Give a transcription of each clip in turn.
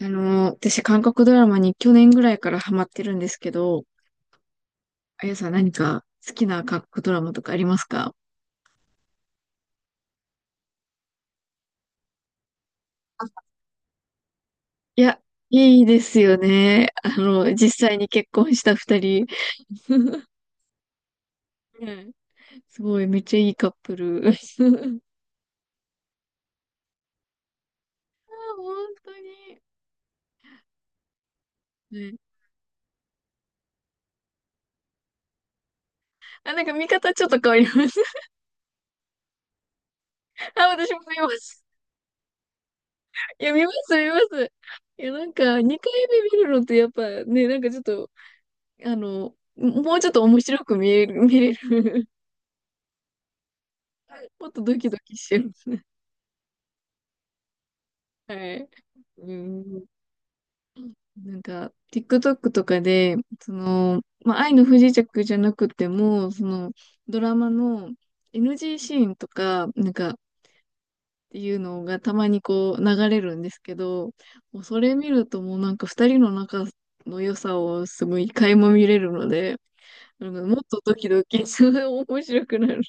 私、韓国ドラマに去年ぐらいからハマってるんですけど、あやさん何か好きな韓国ドラマとかありますか？いや、いいですよね。あの、実際に結婚した二人。うん。すごい、めっちゃいいカップル。あ、本当に。は、あ、見方ちょっと変わります。あ、私も見ます。いや、見ます、見ます。いや、2回目見るのってやっぱね、なんかちょっと、あの、もうちょっと面白く見れる、もっとドキドキしちゃいますね。はい。うん。なんか、TikTok とかで、その、まあ、愛の不時着じゃなくても、その、ドラマの NG シーンとか、ていうのがたまにこう流れるんですけど、もうそれ見るともうなんか二人の仲の良さをすごい垣間見れるので、なんかもっとドキドキ、すごい面白くなる。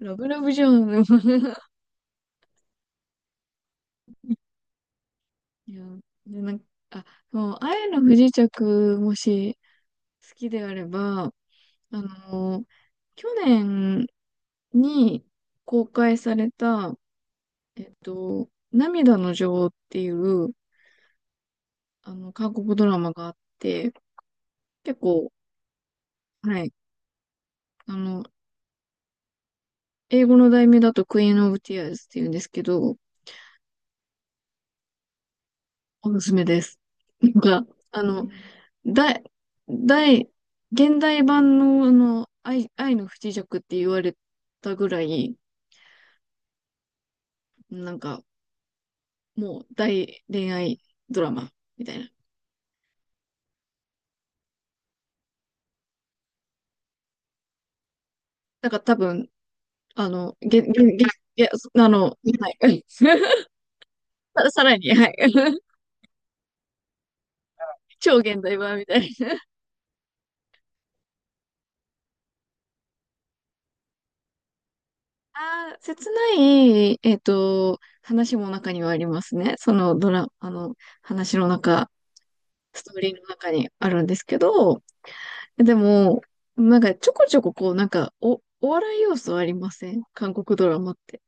ラブラブじゃん。いや、で、なんか、あ、もう、愛の不時着、もし好きであれば、あの、去年に公開された、涙の女王っていう、韓国ドラマがあって、結構、はい、あの、英語の題名だとクイーン・オブ・ティアーズっていうんですけど、おすすめです。なんか、あの、大、大、現代版の、あの、愛の不時着って言われたぐらい、なんか、もう大恋愛ドラマ。みたいな。なんか多分、あの、げ、あの、はい。さらに、はい。超現代版みたいな。ああ、切ない、えっと、話も中にはありますね。そのドラ、あの、話の中、ストーリーの中にあるんですけど、でも、なんかちょこちょここう、なんか、お笑い要素ありません韓国ドラマって。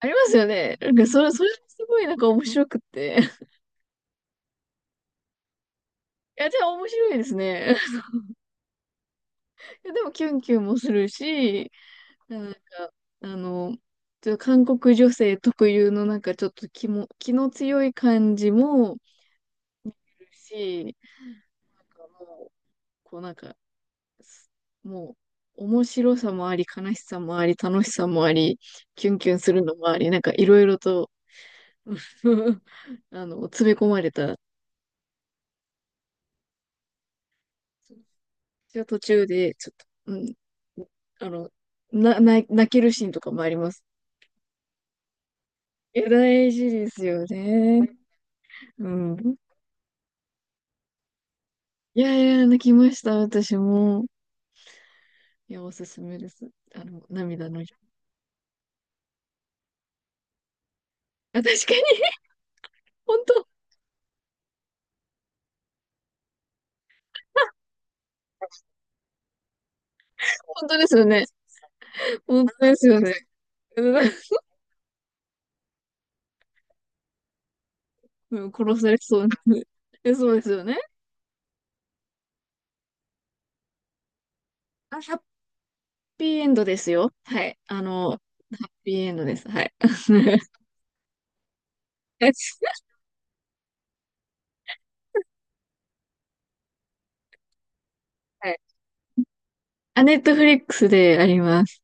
ありますよね。なんか、それすごいなんか面白くって。いや、じゃあ面白いですね。いやでも、キュンキュンもするし、なんか、あの、ちょっと韓国女性特有のなんかちょっと気の強い感じもいるし、なんかもう、こうなんか、すもう、面白さもあり、悲しさもあり、楽しさもあり、キュンキュンするのもあり、なんかいろいろと あの、詰め込まれた。私は途中で、ちょっと、うん、あの、泣けるシーンとかもあります。いや、大事ですよね。うん。いやいや、泣きました、私も。いや、おすすめです。あの、涙の、あ、確かに、本当、本当ですよね。本当ですよね。うん、殺されそうな。え、そうですよね。あ、ハッピーエンドですよ。はい。あの、ハッピーエンドです。はい。はい。あ、ネットフリックスであります。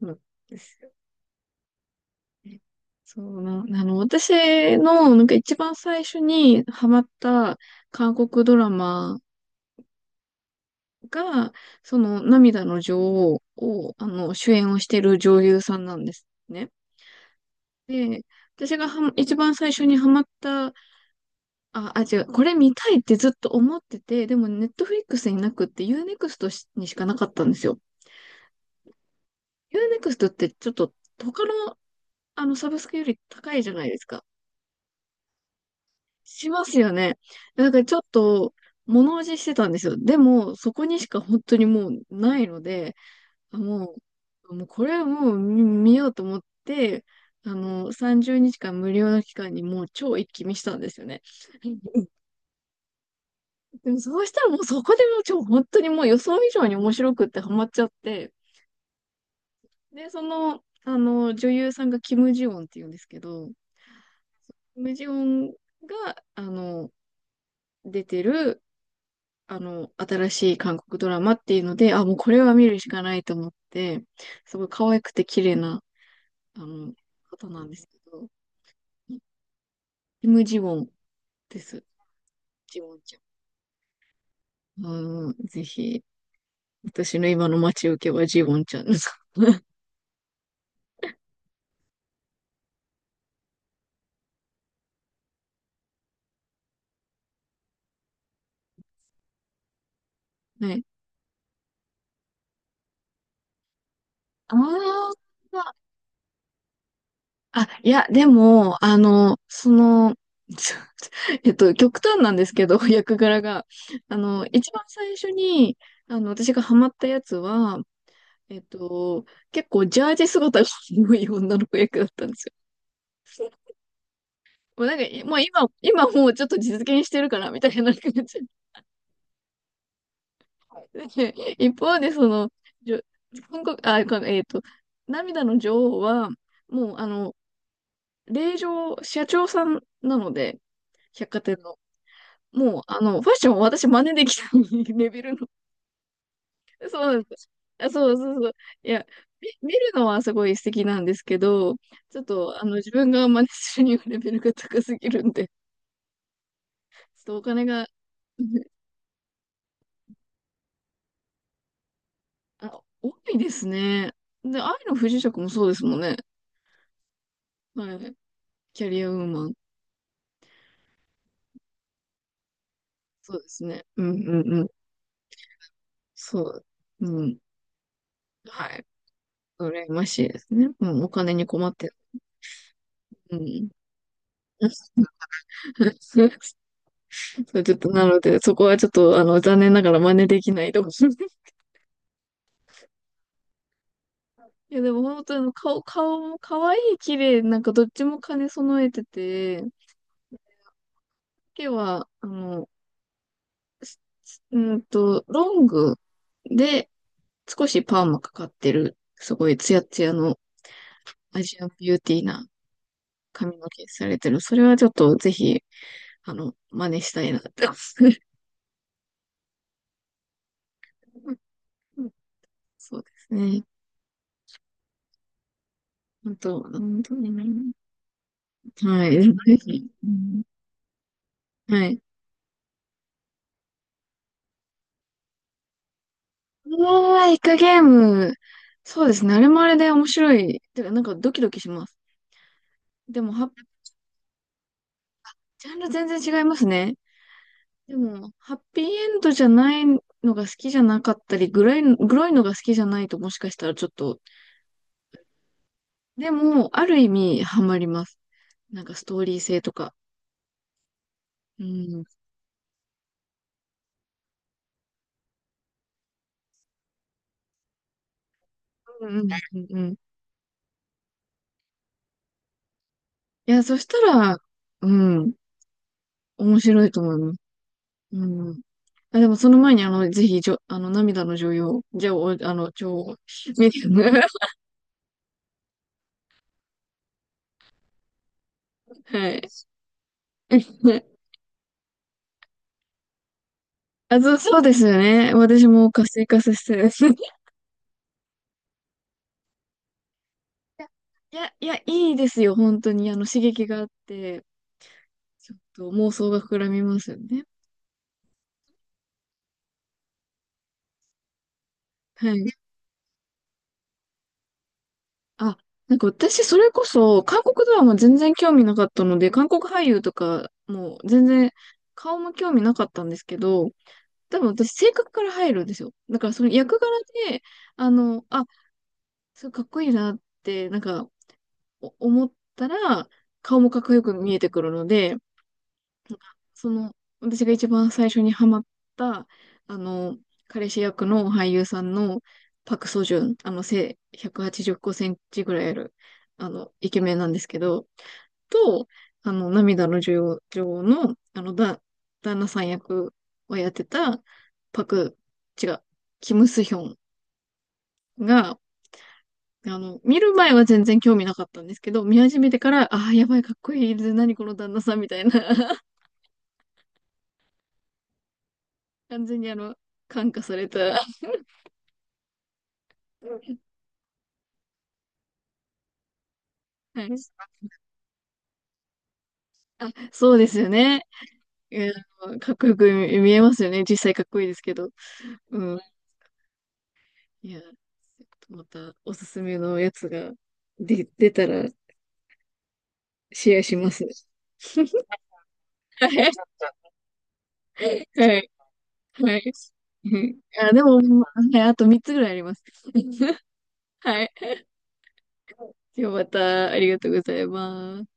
そうですよね。そうな、あの、私の、なんか一番最初にハマった韓国ドラマが、その涙の女王を、あの、主演をしている女優さんなんですね。で、私がはま一番最初にハマった、これ見たいってずっと思ってて、でもネットフリックスになくってユーネクストにしかなかったんですよ。ユーネクストってちょっと他の、あの、サブスクより高いじゃないですか。しますよね。だからちょっと、物おじしてたんですよ。でも、そこにしか本当にもうないので、あもう、もうこれはもう見、見ようと思って、あの、30日間無料の期間にもう超一気見したんですよね。でもそうしたらもうそこでもう超本当にもう予想以上に面白くってハマっちゃって、で、その、あの、女優さんがキム・ジヨンっていうんですけど、キム・ジヨンが、あの、出てる、あの、新しい韓国ドラマっていうので、あ、もうこれは見るしかないと思って、すごい可愛くて綺麗な、あの、方なんですけど、キム・ジウォンです。ジウォンちゃん。うん、ぜひ、私の今の待ち受けはジウォンちゃんです。はい。ああ、あ、いや、でも、あの、その、えっと、極端なんですけど、役柄が。あの、一番最初に、あの、私がハマったやつは、えっと、結構ジャージ姿が多い女の子役だったんですよ。もうなんか、もう今、今もうちょっと実現してるかな、みたいな感じ。で 一方で、その、じょ韓国、あ、このえっと、涙の女王は、もう、あの、令嬢、社長さんなので、百貨店の。もう、あの、ファッションを私真似できた レベルの。そうなんです。あ、そうそうそう。いや、見るのはすごい素敵なんですけど、ちょっと、あの、自分が真似するにはレベルが高すぎるんで、ちょっとお金が、あ、多いですね。で、愛の不時着もそうですもんね。はい。キャリアウーマン。そうですね。うんうんうん。そう。うん。はい。羨ましいですね。うん。お金に困ってる。うん。そう、ちょっと、なので、そこはちょっと、あの、残念ながら真似できないと思う。いや、でも本当にあの顔も可愛い、綺麗、なんかどっちも兼ね備えてて、毛は、あの、うーんと、ロングで少しパーマかかってる、すごいツヤツヤのアジアンビューティーな髪の毛されてる。それはちょっとぜひあの、真似したいなって思う。そうですね。本当、本当にね。はい。ぜひ。うん、はい。うわー、イカゲーム。そうですね。あれもあれで面白い。てか、なんかドキドキします。でも、は、ジャンル全然違いますね。でも、ハッピーエンドじゃないのが好きじゃなかったり、グロいのが好きじゃないともしかしたらちょっと、でも、ある意味、ハマります。なんかストーリー性とか。うん。うんうんうんうん、いや、そしたら、うん、面白いと思います。うん。あ、でもその前に、あの、ぜひ、じょ、あの、涙の女優、じゃあ、おあの、女王、見て はい。あ、そうですよね。私も活性化させて。いや、いや、いいですよ、本当に。あの、刺激があって、ちょっと妄想が膨らみますよね。はい。あ、なんか私、それこそ、韓国ドラマ全然興味なかったので、韓国俳優とか、もう全然、顔も興味なかったんですけど、多分私、性格から入るんですよ。だから、その役柄で、あの、あ、すごいかっこいいなって、なんか、思ったら、顔もかっこよく見えてくるので、なんかその、私が一番最初にハマった、あの、彼氏役の俳優さんのパク・ソジュン、あの、背185センチぐらいある、あの、イケメンなんですけど、と、あの、涙の女王の、あの、旦那さん役をやってた、パク、違う、キム・スヒョンが、あの、見る前は全然興味なかったんですけど、見始めてから、ああ、やばい、かっこいい、何この旦那さんみたいな、完全にあの、感化された。はい。あ、そうですよね。うん、かっこよく見えますよね。実際かっこいいですけど。うん。いや、またおすすめのやつが出たらシェアします。はい。はい。はい。うん、あ、でも、はい、あと3つぐらいあります。はい。ではまた、ありがとうございます。